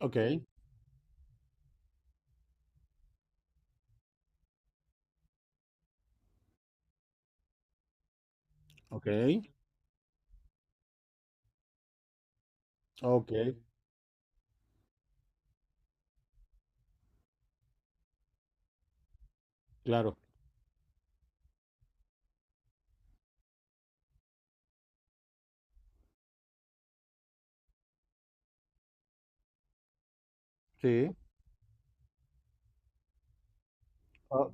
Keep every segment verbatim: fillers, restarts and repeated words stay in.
Ok, ok, ok, claro. Sí. Ah,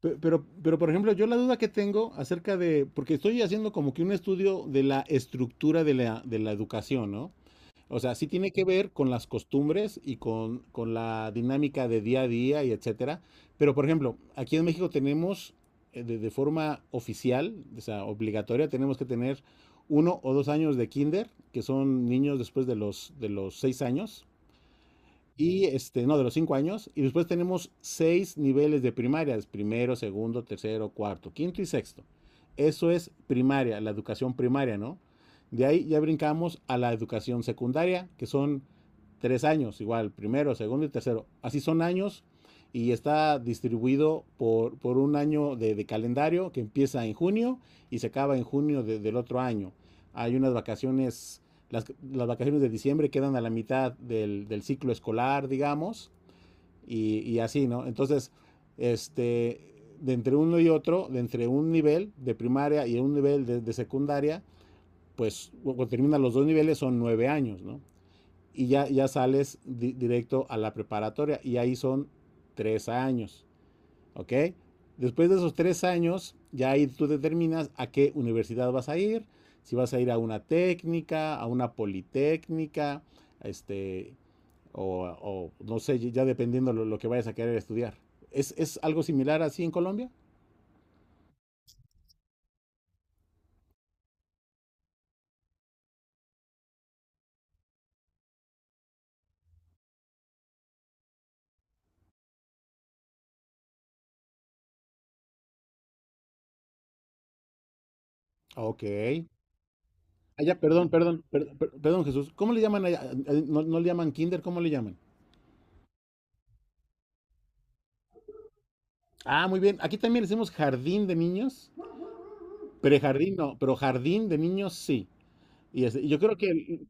pe- Pero, pero, por ejemplo, yo la duda que tengo acerca de, porque estoy haciendo como que un estudio de la estructura de la, de la educación, ¿no? O sea, sí tiene que ver con las costumbres y con, con la dinámica de día a día y etcétera. Pero, por ejemplo, aquí en México tenemos eh, de, de forma oficial, o sea, obligatoria, tenemos que tener uno o dos años de kinder, que son niños después de los, de los seis años. Y este, no, de los cinco años. Y después tenemos seis niveles de primarias: primero, segundo, tercero, cuarto, quinto y sexto. Eso es primaria, la educación primaria, ¿no? De ahí ya brincamos a la educación secundaria, que son tres años, igual, primero, segundo y tercero. Así son años y está distribuido por, por un año de, de, calendario que empieza en junio y se acaba en junio de, del otro año. Hay unas vacaciones, las, las, vacaciones de diciembre quedan a la mitad del, del ciclo escolar, digamos, y, y, así, ¿no? Entonces, este, de entre uno y otro, de entre un nivel de primaria y un nivel de, de secundaria, pues cuando terminan los dos niveles son nueve años, ¿no? Y ya, ya sales di, directo a la preparatoria y ahí son tres años. ¿Ok? Después de esos tres años, ya ahí tú determinas a qué universidad vas a ir, si vas a ir a una técnica, a una politécnica, este, o, o no sé, ya dependiendo lo, lo que vayas a querer estudiar. ¿Es, es algo similar así en Colombia? Ok. Allá, perdón, perdón, per- per- perdón, Jesús. ¿Cómo le llaman allá? Eh, eh, ¿No, no le llaman kinder? ¿Cómo le llaman? Ah, muy bien. Aquí también le decimos jardín de niños. Prejardín no, pero jardín de niños sí. Y, este, y yo creo que... el-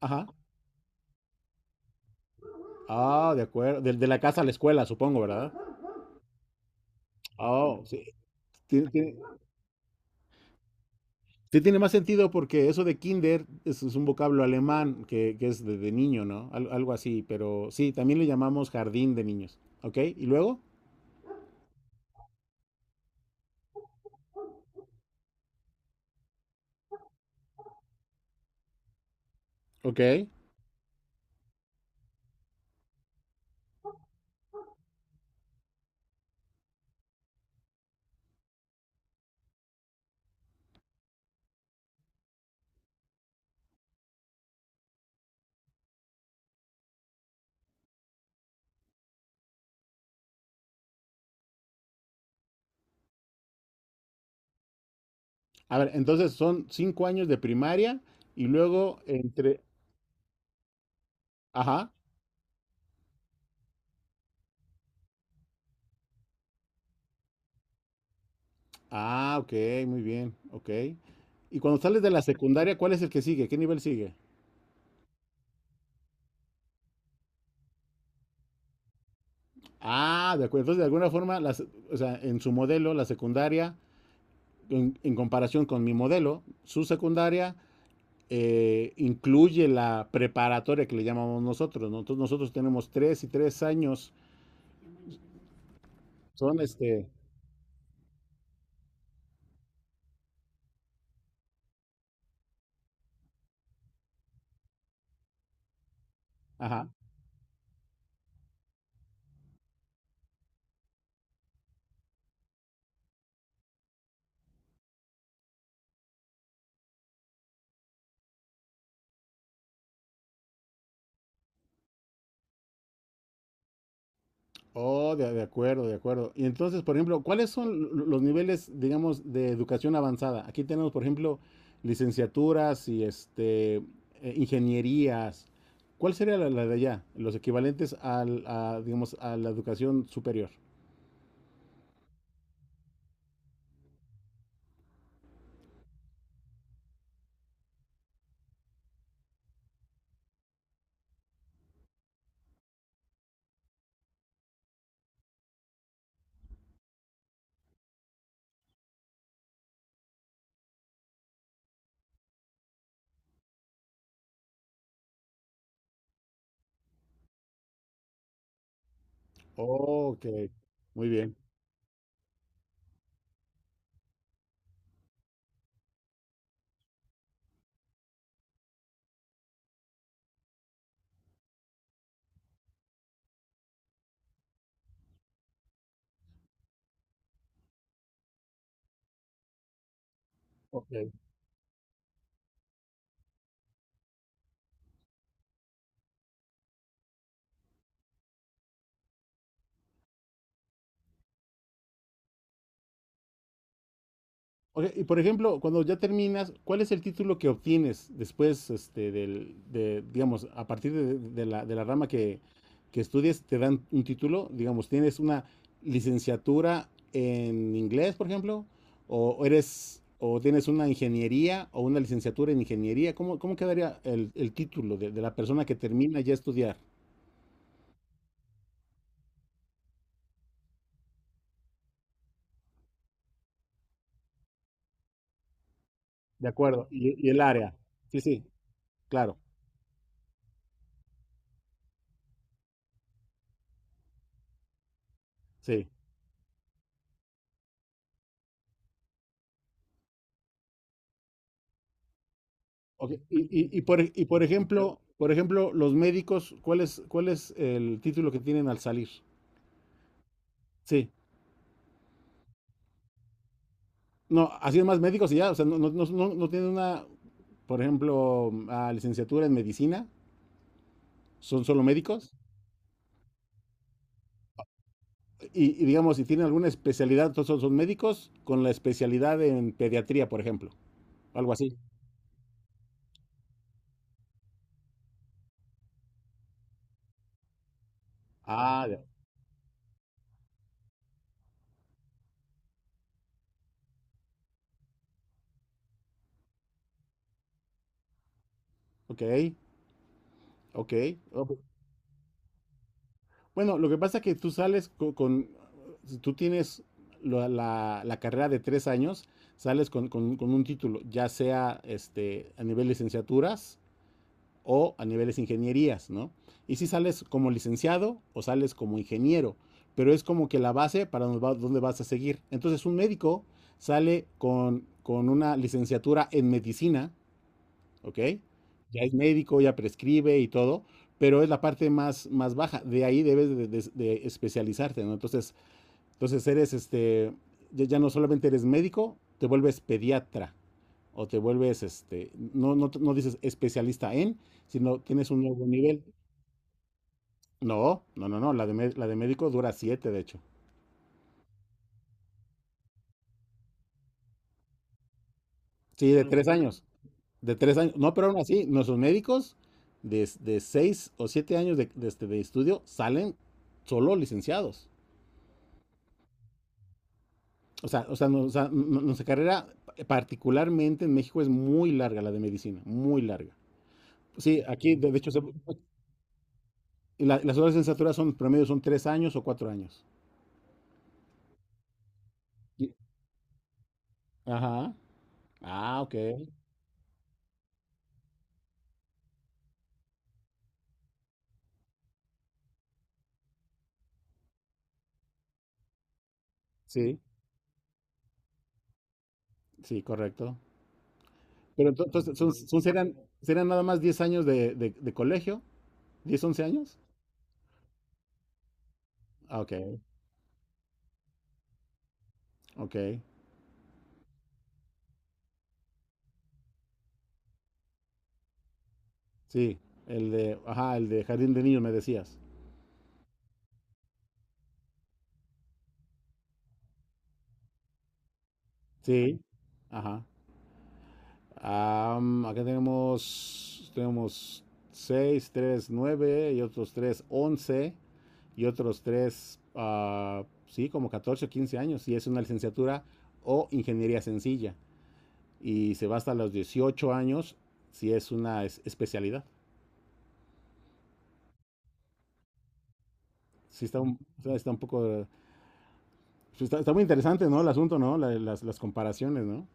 Ajá. Ah, de acuerdo. De, de la casa a la escuela, supongo, ¿verdad? Oh, sí. Tiene, tiene- sí tiene más sentido porque eso de kinder es, es un vocablo alemán que, que es de, de niño, ¿no? Al- algo así, pero sí, también le llamamos jardín de niños. ¿Ok? ¿Y luego? Ok. A ver, entonces son cinco años de primaria y luego entre... Ajá. Ah, ok, muy bien. Ok. Y cuando sales de la secundaria, ¿cuál es el que sigue? ¿Qué nivel sigue? Ah, de acuerdo. Entonces, de alguna forma, las, o sea, en su modelo, la secundaria en, en comparación con mi modelo, su secundaria eh, incluye la preparatoria que le llamamos nosotros, ¿no? Entonces nosotros tenemos tres y tres años, son este, ajá, oh, de, de acuerdo, de acuerdo. Y entonces, por ejemplo, ¿cuáles son lo- los niveles, digamos, de educación avanzada? Aquí tenemos, por ejemplo, licenciaturas y este, eh, ingenierías. ¿Cuál sería la, la de allá? Los equivalentes al, a, digamos, a la educación superior. Ok, muy bien. Ok. Ok, y por ejemplo, cuando ya terminas, ¿cuál es el título que obtienes después, este, del, de, digamos, a partir de, de la, de la rama que, que estudies, te dan un título? Digamos, ¿tienes una licenciatura en inglés, por ejemplo? ¿O o eres, o tienes una ingeniería o una licenciatura en ingeniería? ¿Cómo, cómo quedaría el, el título de, de la persona que termina ya estudiar? De acuerdo, y, y el área. Sí, sí, claro, sí. Ok. Y, y- y por, y por ejemplo, por ejemplo, los médicos, ¿cuál es, cuál es el título que tienen al salir? Sí. No, así es más médicos y ya, o sea, no, no, no, no- no tienen una, por ejemplo, ah, licenciatura en medicina, son solo médicos. Y, y digamos, si tienen alguna especialidad, entonces son, son médicos con la especialidad en pediatría, por ejemplo, algo así. Ah, ya. Ok, ok. Bueno, lo que pasa es que tú sales co- con, si tú tienes la, la- la carrera de tres años, sales con, con- con un título, ya sea este, a nivel licenciaturas o a niveles ingenierías, ¿no? Y si sales como licenciado o sales como ingeniero, pero es como que la base para dónde va- dónde vas a seguir. Entonces un médico sale con, con una licenciatura en medicina. ¿Ok? Ya es médico, ya prescribe y todo, pero es la parte más, más baja. De ahí debes de, de- de especializarte, ¿no? Entonces, entonces eres este, ya, ya no solamente eres médico, te vuelves pediatra o te vuelves este, no, no, no dices especialista en, sino tienes un nuevo nivel. No, no, no, no, la de, mé- la de médico dura siete, de hecho. Sí, de Mm. tres años, de tres años. No, pero aún así, nuestros médicos de, de seis o siete años de, de este, de estudio salen solo licenciados. O sea, o sea, no- o sea, n- nuestra carrera, eh, particularmente en México, es muy larga, la de medicina, muy larga. Sí, aquí, de, de hecho, se- la- las horas de licenciatura son promedio, son tres años o cuatro años. Y- Ajá. Ah, ok. Sí, sí, correcto. Pero ento- entonces, son, son- serán, serán nada más diez años de, de- de colegio, diez once años. Ah, ok, ok. Sí, el de, ajá, el de jardín de niños me decías. Sí, ajá. Am, acá tenemos, tenemos seis tres nueve y otros tres once y otros tres, sí, como catorce o quince años. Y es una licenciatura o ingeniería sencilla. Y se va hasta los dieciocho años si es una es- especialidad. Sí, está un, está un poco, sí, está, está muy interesante, ¿no? El asunto, ¿no? La- las, las comparaciones, ¿no?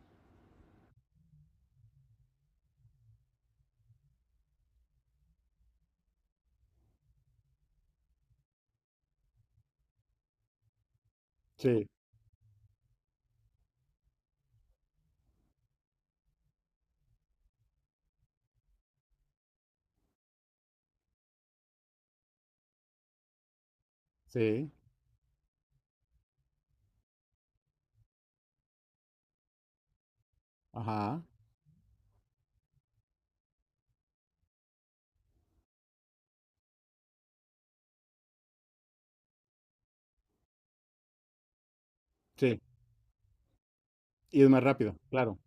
Sí, sí, ajá, sí. Y es más rápido, claro.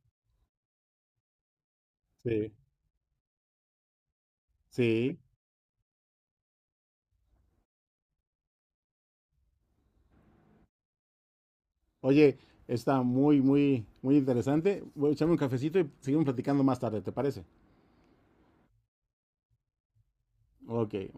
Sí, sí. Oye, está muy, muy, muy interesante. Voy a echarme un cafecito y seguimos platicando más tarde, ¿te parece? Ok.